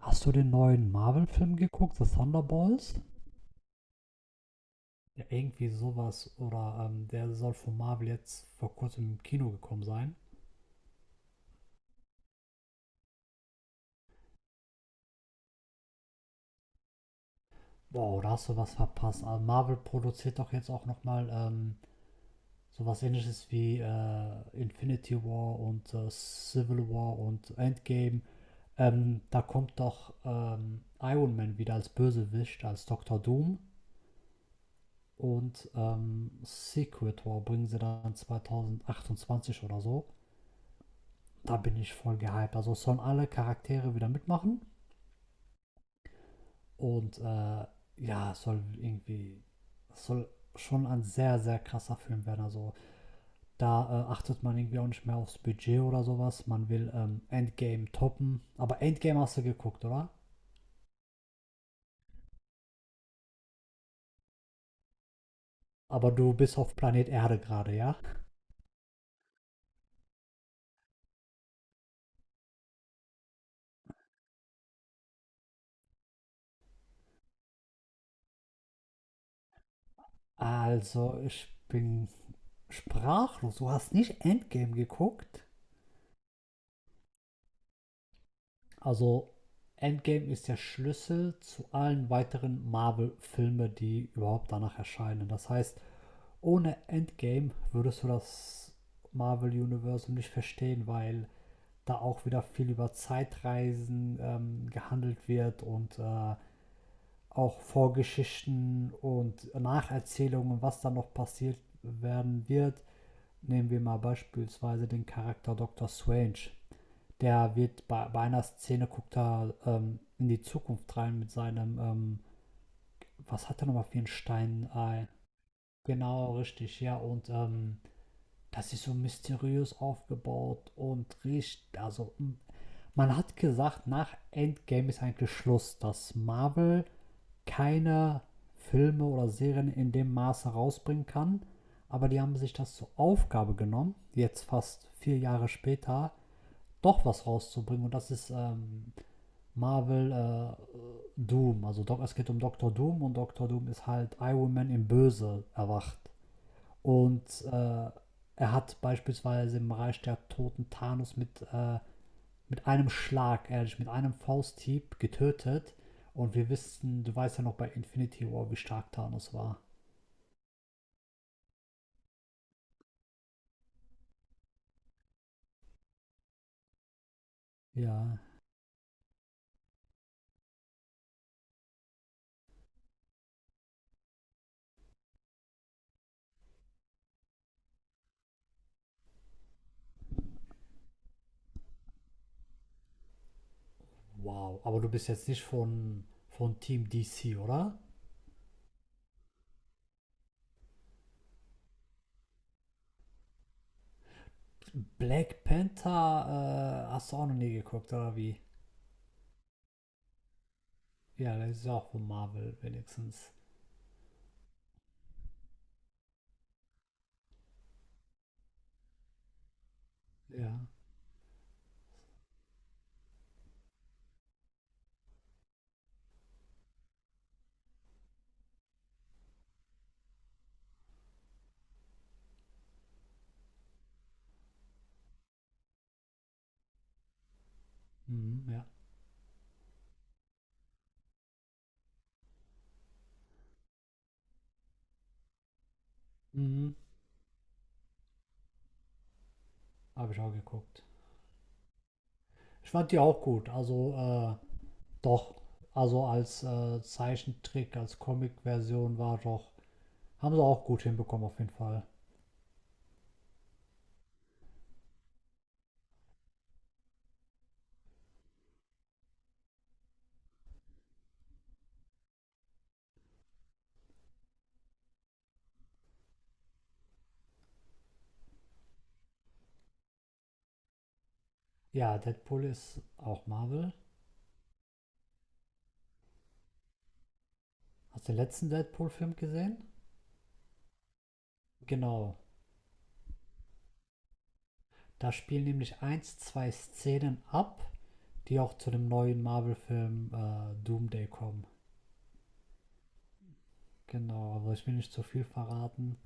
Hast du den neuen Marvel-Film geguckt, The Thunderbolts? Ja, irgendwie sowas. Oder Der soll von Marvel jetzt vor kurzem im Kino gekommen sein. Wow, da hast du was verpasst. Also Marvel produziert doch jetzt auch nochmal sowas ähnliches wie Infinity War und Civil War und Endgame. Da kommt doch Iron Man wieder als Bösewicht, als Dr. Doom. Secret War bringen sie dann 2028 oder so. Da bin ich voll gehypt. Also sollen alle Charaktere wieder mitmachen und äh, ja, soll irgendwie, soll schon ein sehr, sehr krasser Film werden. Also da achtet man irgendwie auch nicht mehr aufs Budget oder sowas. Man will Endgame toppen. Aber Endgame hast du geguckt, oder? Aber du bist auf Planet Erde gerade, ja? Also ich bin sprachlos. Du hast nicht Endgame geguckt? Also Endgame ist der Schlüssel zu allen weiteren Marvel-Filmen, die überhaupt danach erscheinen. Das heißt, ohne Endgame würdest du das Marvel-Universum nicht verstehen, weil da auch wieder viel über Zeitreisen gehandelt wird und auch Vorgeschichten und Nacherzählungen, was da noch passiert werden wird. Nehmen wir mal beispielsweise den Charakter Dr. Strange, der wird bei einer Szene, guckt er in die Zukunft rein mit seinem, was hat er nochmal für einen Stein? Genau, richtig, ja. Und das ist so mysteriös aufgebaut und riecht, also man hat gesagt, nach Endgame ist eigentlich Schluss, dass Marvel keine Filme oder Serien in dem Maße rausbringen kann. Aber die haben sich das zur Aufgabe genommen, jetzt fast 4 Jahre später, doch was rauszubringen. Und das ist Marvel Doom. Also Doc, es geht um Dr. Doom, und Dr. Doom ist halt Iron Man im Böse erwacht. Und äh, Er hat beispielsweise im Reich der Toten Thanos mit einem Schlag, ehrlich, mit einem Fausthieb getötet. Und wir wissen, du weißt ja noch bei Infinity War, wie stark Thanos war. Ja. Wow. Aber du bist jetzt nicht von Team DC, oder? Black Panther hast du auch noch nie geguckt, oder wie? Ja, das ist auch von Marvel wenigstens. Ja. Mhm, ja. Mhm. Habe ich auch geguckt. Ich fand die auch gut. Also, doch. Also als Zeichentrick, als Comic-Version, war doch. Haben sie auch gut hinbekommen, auf jeden Fall. Ja, Deadpool ist auch Marvel. Hast du den letzten Deadpool-Film gesehen? Genau. Da spielen nämlich eins, zwei Szenen ab, die auch zu dem neuen Marvel-Film Doomday kommen. Genau, aber ich will nicht zu viel verraten.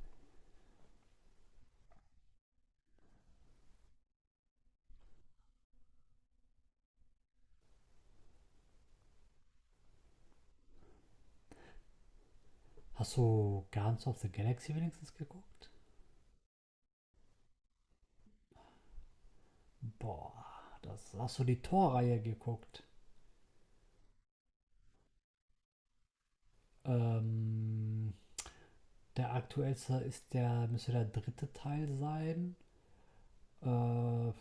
Hast du Guardians of the Galaxy wenigstens geguckt? Boah, das hast du die Thor-Reihe geguckt. Ähm, Der aktuellste ist der, müsste der dritte Teil sein. Äh,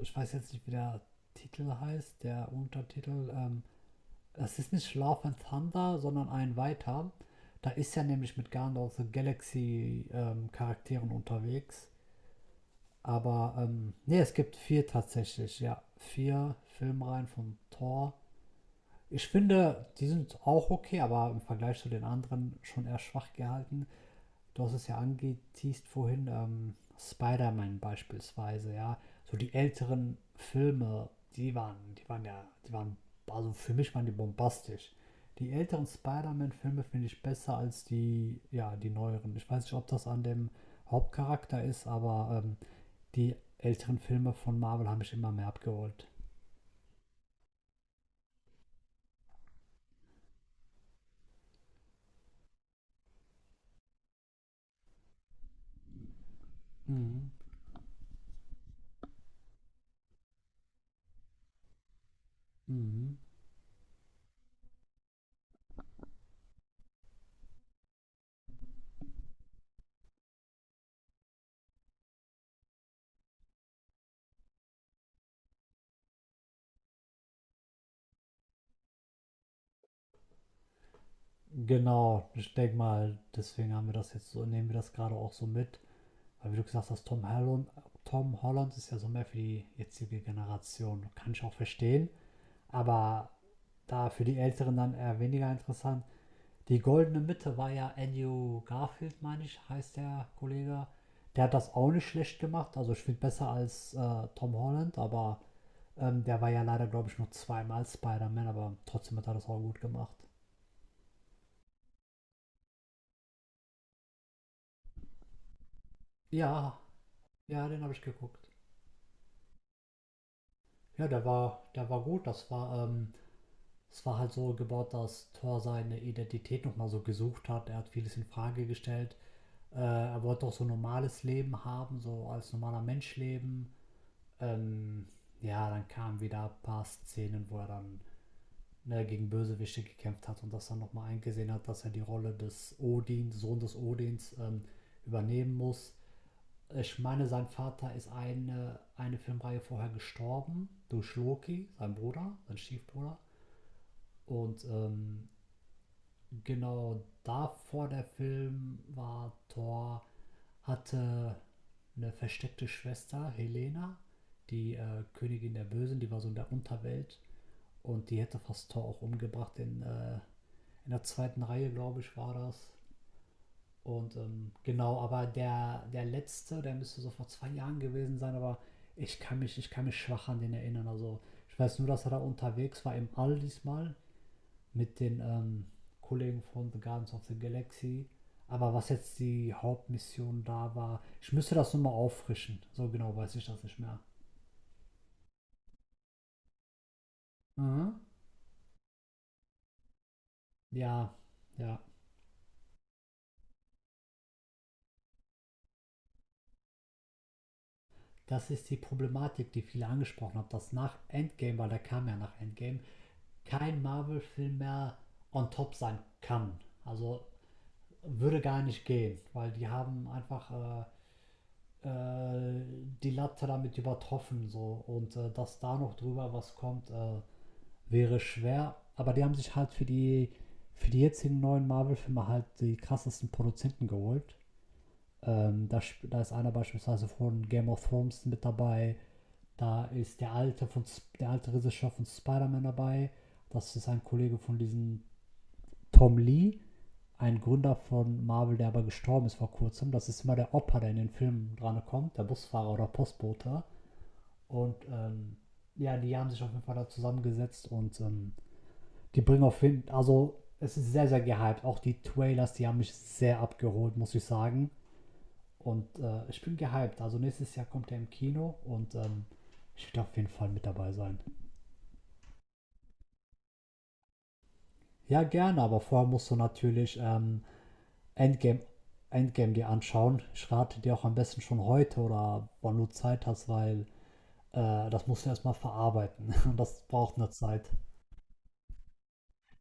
Ich weiß jetzt nicht, wie der Titel heißt, der Untertitel. Das ist nicht Love and Thunder, sondern ein weiter. Da ist ja nämlich mit Guardians of the Galaxy Charakteren unterwegs. Aber nee, es gibt vier tatsächlich, ja. Vier Filmreihen von Thor. Ich finde, die sind auch okay, aber im Vergleich zu den anderen schon eher schwach gehalten. Du hast es ja angeteased vorhin, Spider-Man beispielsweise, ja. So die älteren Filme, die waren, also für mich waren die bombastisch. Die älteren Spider-Man-Filme finde ich besser als die, ja, die neueren. Ich weiß nicht, ob das an dem Hauptcharakter ist, aber die älteren Filme von Marvel haben mich immer mehr abgeholt. Mhm. Mhm. Genau, ich denke mal, deswegen haben wir das jetzt so, nehmen wir das gerade auch so mit. Weil wie du gesagt hast, Tom Holland ist ja so mehr für die jetzige Generation. Kann ich auch verstehen. Aber da für die Älteren dann eher weniger interessant. Die goldene Mitte war ja Andrew Garfield, meine ich, heißt der Kollege. Der hat das auch nicht schlecht gemacht. Also ich finde besser als Tom Holland, aber der war ja leider, glaube ich, nur zweimal Spider-Man, aber trotzdem hat er das auch gut gemacht. Ja, ja, den habe ich geguckt. Ja, der war gut. Das war, es war halt so gebaut, dass Thor seine Identität nochmal so gesucht hat. Er hat vieles in Frage gestellt. Er wollte auch so ein normales Leben haben, so als normaler Mensch leben. Ähm, ja, dann kamen wieder ein paar Szenen, wo er dann, ne, gegen Bösewichte gekämpft hat und das dann nochmal eingesehen hat, dass er die Rolle des Odins, Sohn des Odins, übernehmen muss. Ich meine, sein Vater ist eine Filmreihe vorher gestorben durch Loki, sein Bruder, sein Stiefbruder. Und ähm, genau, davor der Film war Thor, hatte eine versteckte Schwester, Helena, die Königin der Bösen, die war so in der Unterwelt. Und die hätte fast Thor auch umgebracht. In der zweiten Reihe, glaube ich, war das. Genau, aber der letzte, der müsste so vor 2 Jahren gewesen sein, aber ich kann mich schwach an den erinnern. Also ich weiß nur, dass er da unterwegs war im All diesmal mit den Kollegen von The Guardians of the Galaxy. Aber was jetzt die Hauptmission da war, ich müsste das nochmal auffrischen. So genau weiß ich das nicht mehr. Mhm. Ja, ja. Das ist die Problematik, die viele angesprochen haben. Das nach Endgame, weil der kam ja nach Endgame kein Marvel-Film mehr on top sein kann. Also würde gar nicht gehen, weil die haben einfach äh, äh, die Latte damit übertroffen so, und dass da noch drüber was kommt, wäre schwer. Aber die haben sich halt für die jetzigen neuen Marvel-Filme halt die krassesten Produzenten geholt. Ähm, da, Da ist einer beispielsweise von Game of Thrones mit dabei. Da ist der alte Regisseur von Spider-Man dabei. Das ist ein Kollege von diesem Tom Lee, ein Gründer von Marvel, der aber gestorben ist vor kurzem. Das ist immer der Opa, der in den Filmen dran kommt, der Busfahrer oder Postbote. Und ähm, ja, die haben sich auf jeden Fall da zusammengesetzt, und die bringen auf jeden Fall, also es ist sehr, sehr gehypt. Auch die Trailers, die haben mich sehr abgeholt, muss ich sagen. Und ich bin gehypt. Also nächstes Jahr kommt er im Kino, und ich werde auf jeden Fall mit dabei sein. Ja, gerne, aber vorher musst du natürlich Endgame, Endgame dir anschauen. Ich rate dir auch am besten schon heute oder wann du Zeit hast, weil das musst du erstmal verarbeiten. Und das braucht eine Zeit.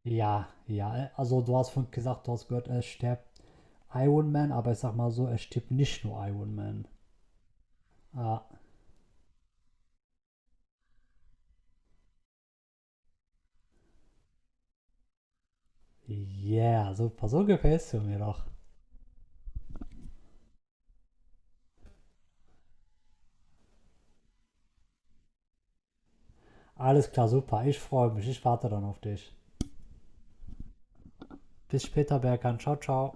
Ja, ja. Also du hast vorhin gesagt, du hast gehört, er stirbt Iron Man, aber ich sag mal so, er stirbt nicht nur Iron Man. Ah, yeah, super. So gefällst du mir doch. Alles klar, super. Ich freue mich. Ich warte dann auf dich. Bis später, Berkan. Ciao, ciao.